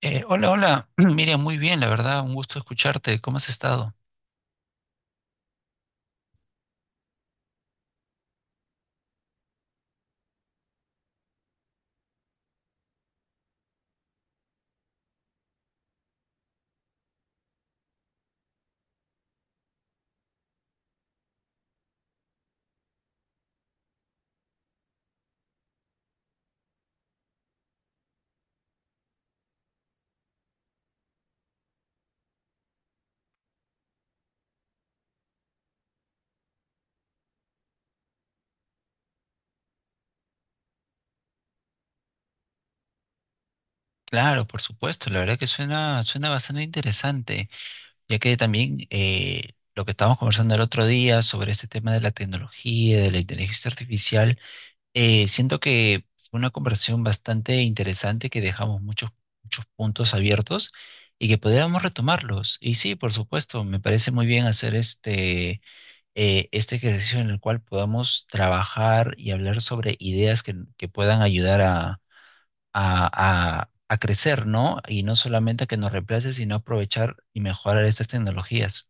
Hola, hola. Miriam, muy bien, la verdad, un gusto escucharte. ¿Cómo has estado? Claro, por supuesto, la verdad que suena bastante interesante, ya que también lo que estábamos conversando el otro día sobre este tema de la tecnología, de la inteligencia artificial, siento que fue una conversación bastante interesante que dejamos muchos puntos abiertos y que podíamos retomarlos. Y sí, por supuesto, me parece muy bien hacer este ejercicio en el cual podamos trabajar y hablar sobre ideas que puedan ayudar a crecer, ¿no? Y no solamente a que nos reemplace, sino aprovechar y mejorar estas tecnologías.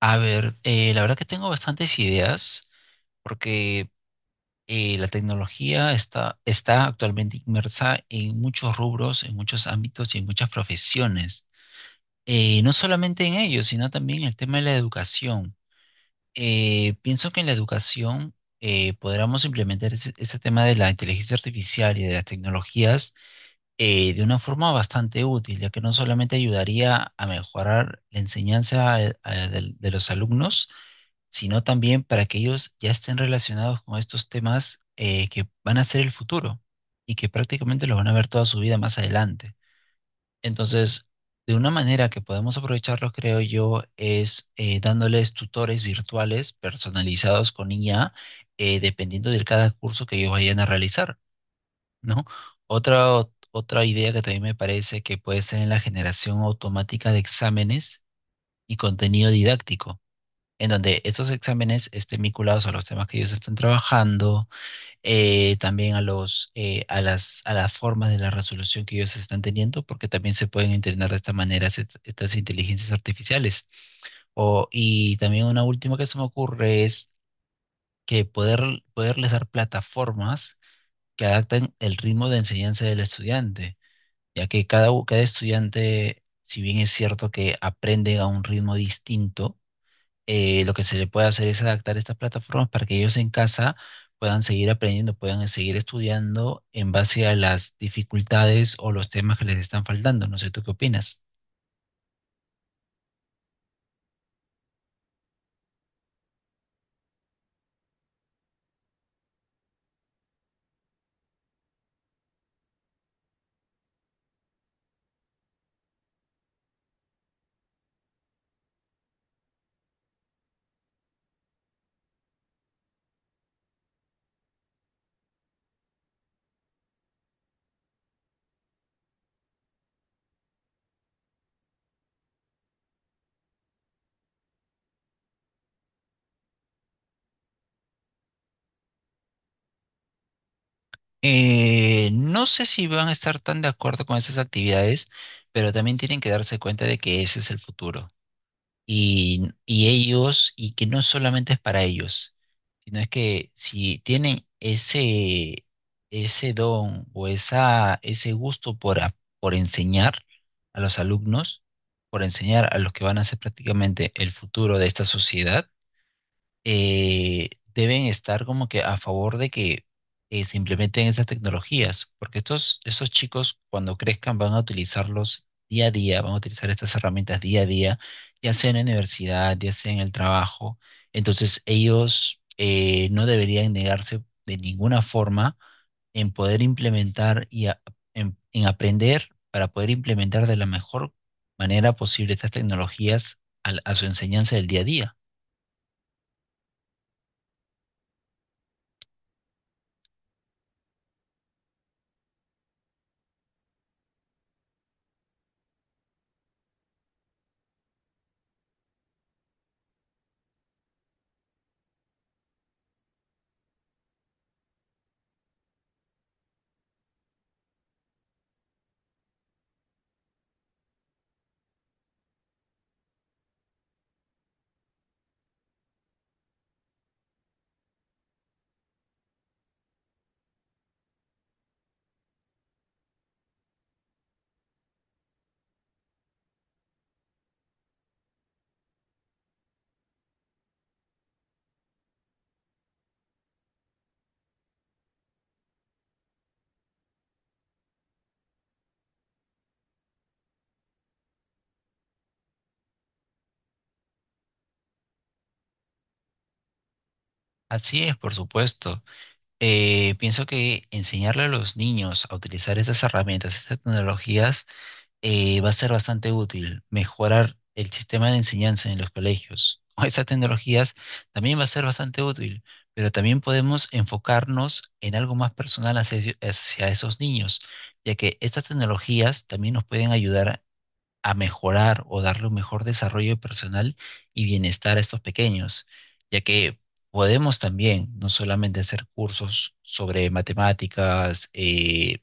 A ver, la verdad que tengo bastantes ideas porque la tecnología está actualmente inmersa en muchos rubros, en muchos ámbitos y en muchas profesiones. No solamente en ellos, sino también en el tema de la educación. Pienso que en la educación podríamos implementar ese tema de la inteligencia artificial y de las tecnologías de una forma bastante útil, ya que no solamente ayudaría a mejorar la enseñanza de los alumnos, sino también para que ellos ya estén relacionados con estos temas que van a ser el futuro y que prácticamente los van a ver toda su vida más adelante. Entonces, de una manera que podemos aprovecharlos, creo yo, es dándoles tutores virtuales personalizados con IA, dependiendo de cada curso que ellos vayan a realizar, ¿no? Otra idea que también me parece que puede ser en la generación automática de exámenes y contenido didáctico, en donde estos exámenes estén vinculados a los temas que ellos están trabajando, también a a las formas de la resolución que ellos están teniendo, porque también se pueden entrenar de esta manera estas inteligencias artificiales. O, y también una última que se me ocurre es que poderles dar plataformas que adapten el ritmo de enseñanza del estudiante, ya que cada estudiante, si bien es cierto que aprende a un ritmo distinto, lo que se le puede hacer es adaptar estas plataformas para que ellos en casa puedan seguir aprendiendo, puedan seguir estudiando en base a las dificultades o los temas que les están faltando. No sé, ¿tú qué opinas? No sé si van a estar tan de acuerdo con esas actividades, pero también tienen que darse cuenta de que ese es el futuro. Y ellos, y que no solamente es para ellos, sino es que si tienen ese don o ese gusto por enseñar a los alumnos, por enseñar a los que van a ser prácticamente el futuro de esta sociedad, deben estar como que a favor de que se implementen esas tecnologías, porque esos chicos cuando crezcan van a utilizarlos día a día, van a utilizar estas herramientas día a día, ya sea en la universidad, ya sea en el trabajo. Entonces ellos no deberían negarse de ninguna forma en poder implementar y en aprender para poder implementar de la mejor manera posible estas tecnologías a su enseñanza del día a día. Así es, por supuesto. Pienso que enseñarle a los niños a utilizar estas herramientas, estas tecnologías, va a ser bastante útil. Mejorar el sistema de enseñanza en los colegios con estas tecnologías también va a ser bastante útil, pero también podemos enfocarnos en algo más personal hacia esos niños, ya que estas tecnologías también nos pueden ayudar a mejorar o darle un mejor desarrollo personal y bienestar a estos pequeños, ya que podemos también no solamente hacer cursos sobre matemáticas, eh,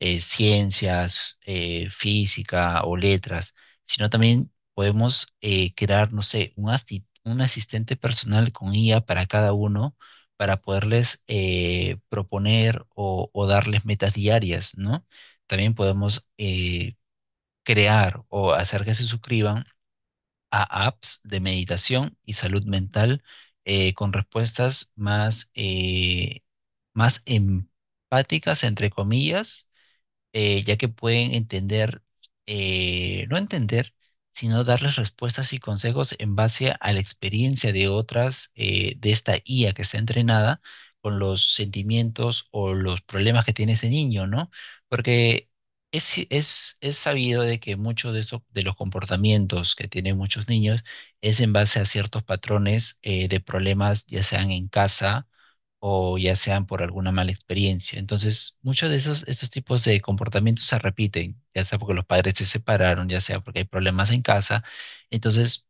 eh, ciencias, física o letras, sino también podemos crear, no sé, un asistente personal con IA para cada uno para poderles proponer o darles metas diarias, ¿no? También podemos crear o hacer que se suscriban a apps de meditación y salud mental con respuestas más empáticas, entre comillas, ya que pueden entender, no entender, sino darles respuestas y consejos en base a la experiencia de otras, de esta IA que está entrenada con los sentimientos o los problemas que tiene ese niño, ¿no? Porque es sabido de que muchos de de los comportamientos que tienen muchos niños es en base a ciertos patrones de problemas, ya sean en casa o ya sean por alguna mala experiencia. Entonces, estos tipos de comportamientos se repiten, ya sea porque los padres se separaron, ya sea porque hay problemas en casa. Entonces,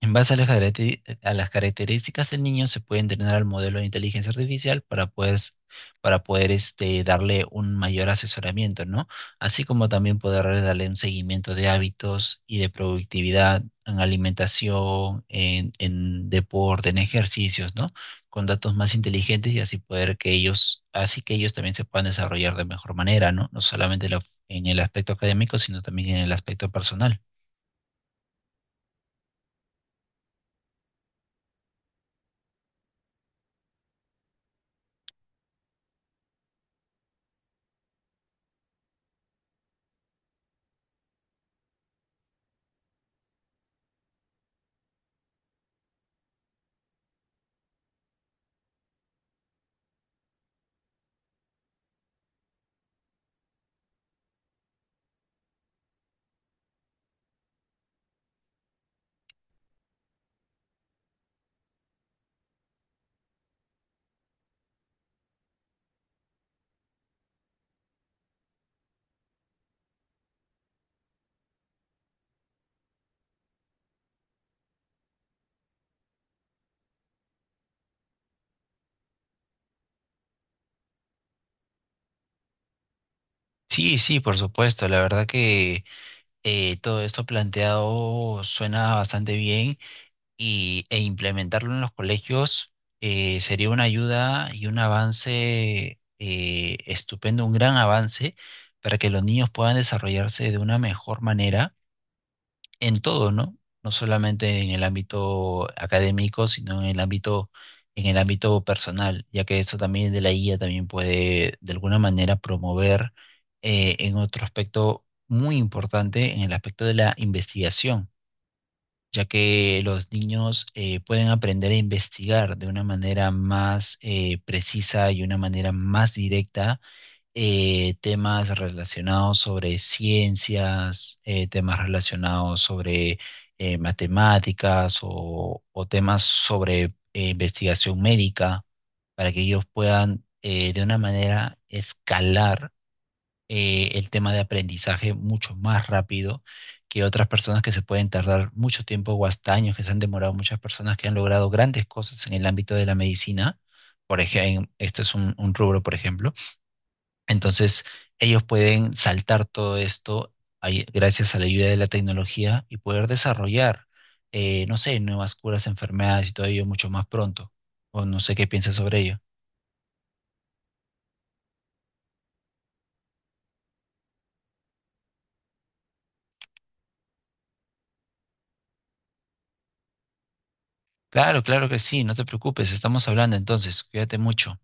en base a a las características del niño, se puede entrenar al modelo de inteligencia artificial para para poder este, darle un mayor asesoramiento, ¿no? Así como también poder darle un seguimiento de hábitos y de productividad en alimentación, en deporte, en ejercicios, ¿no? Con datos más inteligentes y así poder que ellos, así que ellos también se puedan desarrollar de mejor manera, ¿no? No solamente en el aspecto académico, sino también en el aspecto personal. Sí, sí, por supuesto. La verdad que todo esto planteado suena bastante bien e implementarlo en los colegios sería una ayuda y un avance estupendo, un gran avance para que los niños puedan desarrollarse de una mejor manera en todo, ¿no? No solamente en el ámbito académico, sino en el en el ámbito personal, ya que esto también de la guía también puede de alguna manera promover en otro aspecto muy importante, en el aspecto de la investigación, ya que los niños pueden aprender a investigar de una manera más precisa y una manera más directa temas relacionados sobre ciencias, temas relacionados sobre matemáticas o temas sobre investigación médica, para que ellos puedan de una manera escalar el tema de aprendizaje mucho más rápido que otras personas que se pueden tardar mucho tiempo o hasta años, que se han demorado muchas personas que han logrado grandes cosas en el ámbito de la medicina. Por ejemplo, este es un rubro, por ejemplo entonces, ellos pueden saltar todo esto gracias a la ayuda de la tecnología y poder desarrollar, no sé, nuevas curas, enfermedades y todo ello mucho más pronto. O no sé qué piensas sobre ello. Claro, claro que sí, no te preocupes, estamos hablando entonces, cuídate mucho.